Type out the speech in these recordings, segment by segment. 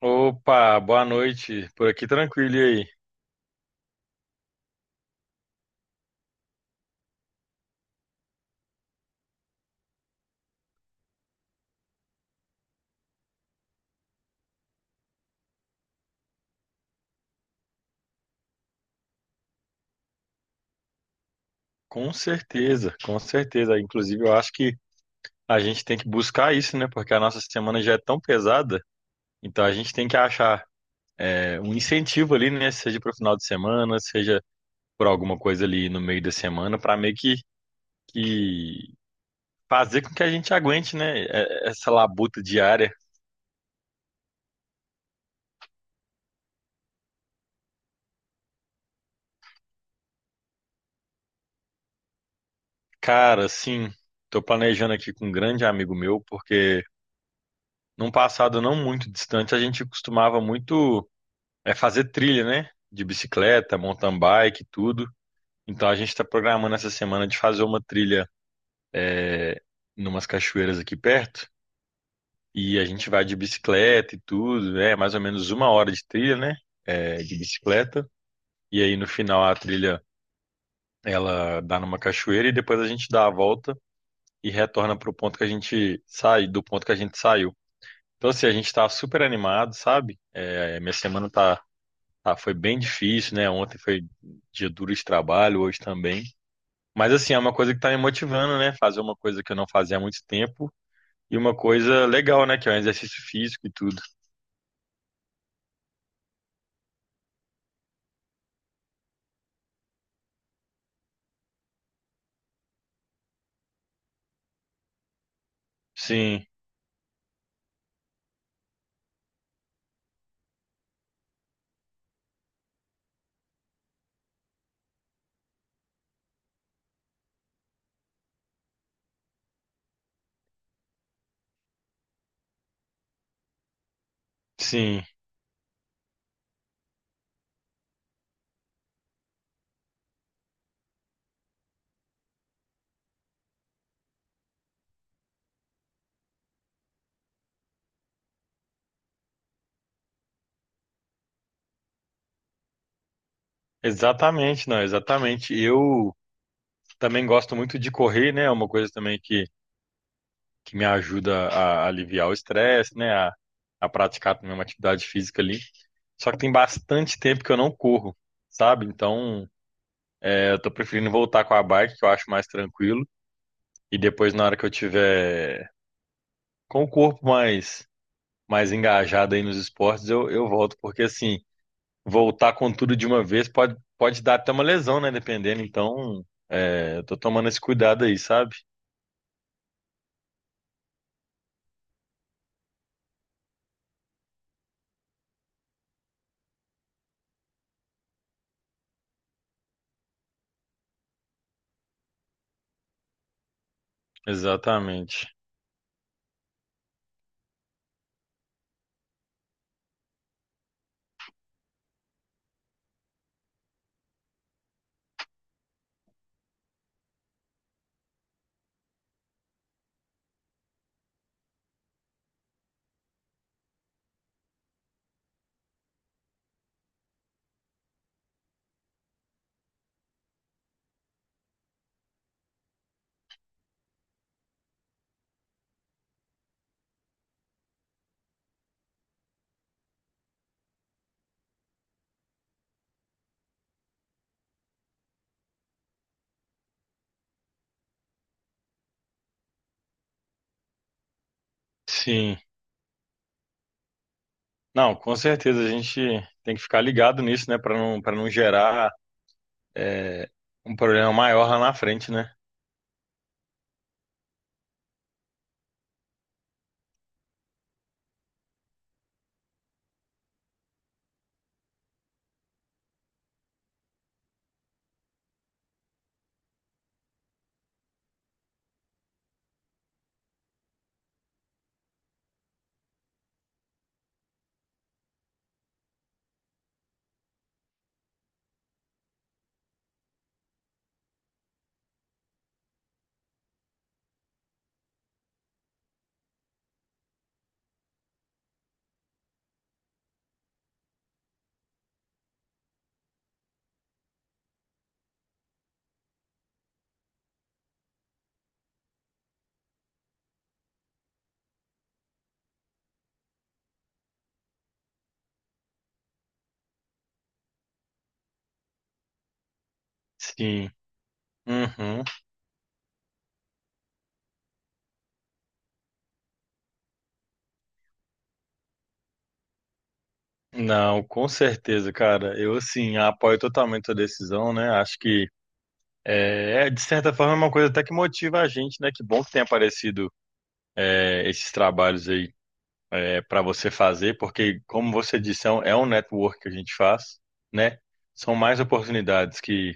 Opa, boa noite. Por aqui tranquilo e aí? Com certeza, com certeza. Inclusive, eu acho que a gente tem que buscar isso, né? Porque a nossa semana já é tão pesada, então a gente tem que achar um incentivo ali, né? Seja para o final de semana, seja por alguma coisa ali no meio da semana, para meio que fazer com que a gente aguente, né? Essa labuta diária. Cara, assim, tô planejando aqui com um grande amigo meu, porque num passado não muito distante a gente costumava muito. É fazer trilha, né? De bicicleta, mountain bike, tudo. Então a gente está programando essa semana de fazer uma trilha é, numas cachoeiras aqui perto. E a gente vai de bicicleta e tudo. É mais ou menos uma hora de trilha, né? De bicicleta. E aí no final a trilha ela dá numa cachoeira e depois a gente dá a volta e retorna pro ponto que a gente sai, do ponto que a gente saiu. Então assim, a gente tá super animado, sabe? Minha semana tá. Ah, foi bem difícil, né? Ontem foi dia duro de trabalho, hoje também. Mas assim, é uma coisa que tá me motivando, né? Fazer uma coisa que eu não fazia há muito tempo e uma coisa legal, né? Que é um exercício físico e tudo. Sim, sim, exatamente, não, exatamente. Eu também gosto muito de correr, né? É uma coisa também que me ajuda a aliviar o estresse, né? A praticar também uma atividade física ali. Só que tem bastante tempo que eu não corro, sabe? Então, eu tô preferindo voltar com a bike, que eu acho mais tranquilo. E depois, na hora que eu tiver com o corpo mais engajado aí nos esportes, eu volto. Porque, assim, voltar com tudo de uma vez pode dar até uma lesão, né? Dependendo. Então, eu tô tomando esse cuidado aí, sabe? Exatamente. Sim. Não, com certeza a gente tem que ficar ligado nisso, né? Pra não, para não gerar é, um problema maior lá na frente, né? Sim. Uhum. Não, com certeza, cara. Eu, assim, apoio totalmente a decisão, né? Acho que é, de certa forma, é uma coisa até que motiva a gente, né? Que bom que tem aparecido esses trabalhos aí para você fazer, porque, como você disse, é um network que a gente faz, né? São mais oportunidades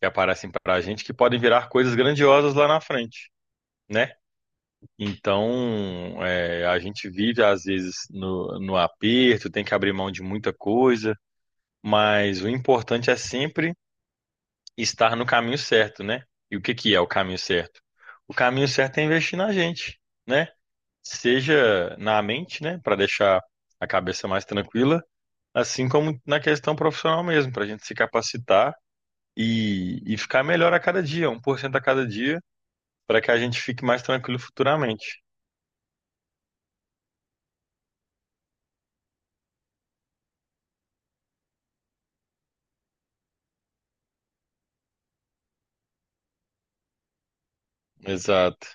que aparecem para a gente que podem virar coisas grandiosas lá na frente, né? Então, a gente vive, às vezes, no, no aperto, tem que abrir mão de muita coisa, mas o importante é sempre estar no caminho certo, né? E o que que é o caminho certo? O caminho certo é investir na gente, né? Seja na mente, né, para deixar a cabeça mais tranquila, assim como na questão profissional mesmo, para a gente se capacitar e ficar melhor a cada dia, um por cento a cada dia, para que a gente fique mais tranquilo futuramente. Exato,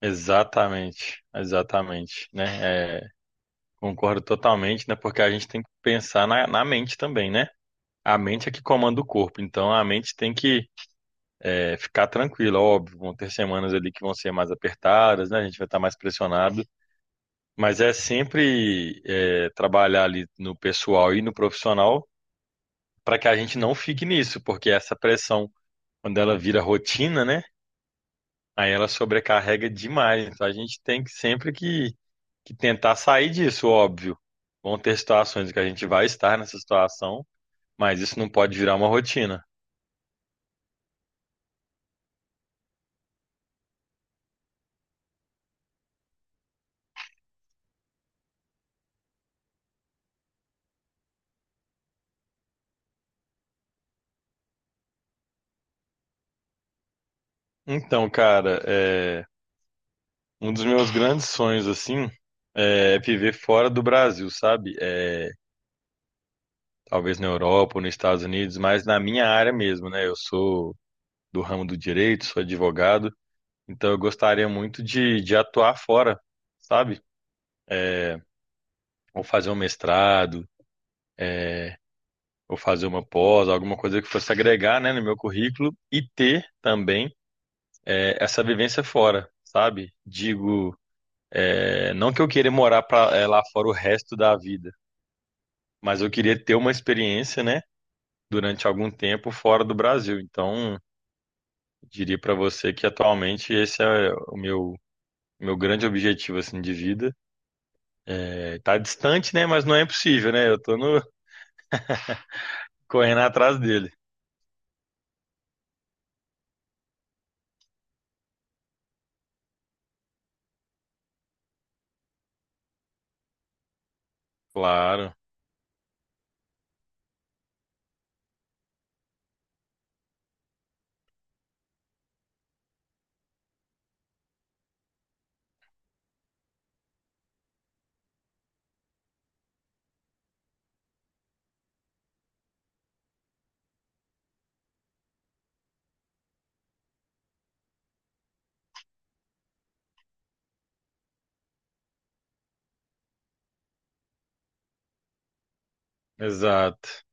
exatamente, exatamente, né? É, concordo totalmente, né? Porque a gente tem que pensar na, na mente também, né? A mente é que comanda o corpo, então a mente tem que ficar tranquila, óbvio. Vão ter semanas ali que vão ser mais apertadas, né? A gente vai estar mais pressionado, mas é sempre trabalhar ali no pessoal e no profissional para que a gente não fique nisso, porque essa pressão, quando ela vira rotina, né? Aí ela sobrecarrega demais. Então a gente tem que sempre que tentar sair disso, óbvio. Vão ter situações que a gente vai estar nessa situação, mas isso não pode virar uma rotina. Então, cara, Um dos meus grandes sonhos, assim, é viver fora do Brasil, sabe? Talvez na Europa ou nos Estados Unidos, mas na minha área mesmo, né? Eu sou do ramo do direito, sou advogado, então eu gostaria muito de atuar fora, sabe? Ou fazer um mestrado, ou fazer uma pós, alguma coisa que fosse agregar, né, no meu currículo e ter também essa vivência fora. Sabe? Digo, é, não que eu queira morar pra, lá fora o resto da vida, mas eu queria ter uma experiência, né? durante algum tempo fora do Brasil. Então, diria para você que atualmente esse é o meu grande objetivo assim de vida. É, tá distante, né, mas não é impossível, né? Eu tô correndo atrás dele. Claro. Exato.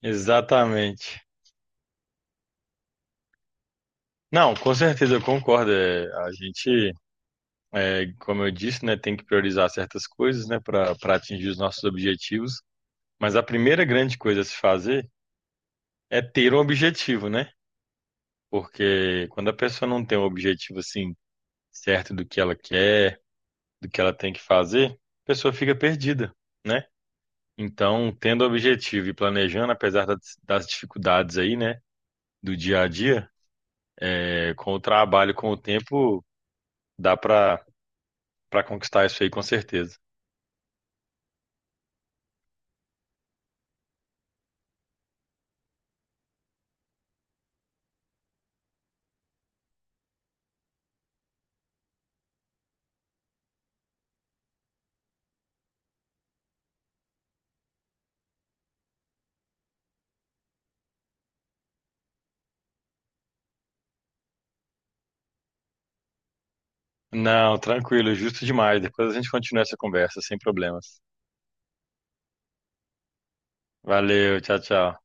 Exatamente. Não, com certeza eu concordo. É, a gente, como eu disse, né, tem que priorizar certas coisas, né, para atingir os nossos objetivos. Mas a primeira grande coisa a se fazer é ter um objetivo, né? Porque quando a pessoa não tem um objetivo assim certo do que ela quer, do que ela tem que fazer, a pessoa fica perdida, né? Então, tendo objetivo e planejando, apesar das dificuldades aí, né, do dia a dia, com o trabalho, com o tempo, dá para conquistar isso aí com certeza. Não, tranquilo, justo demais. Depois a gente continua essa conversa sem problemas. Valeu, tchau, tchau.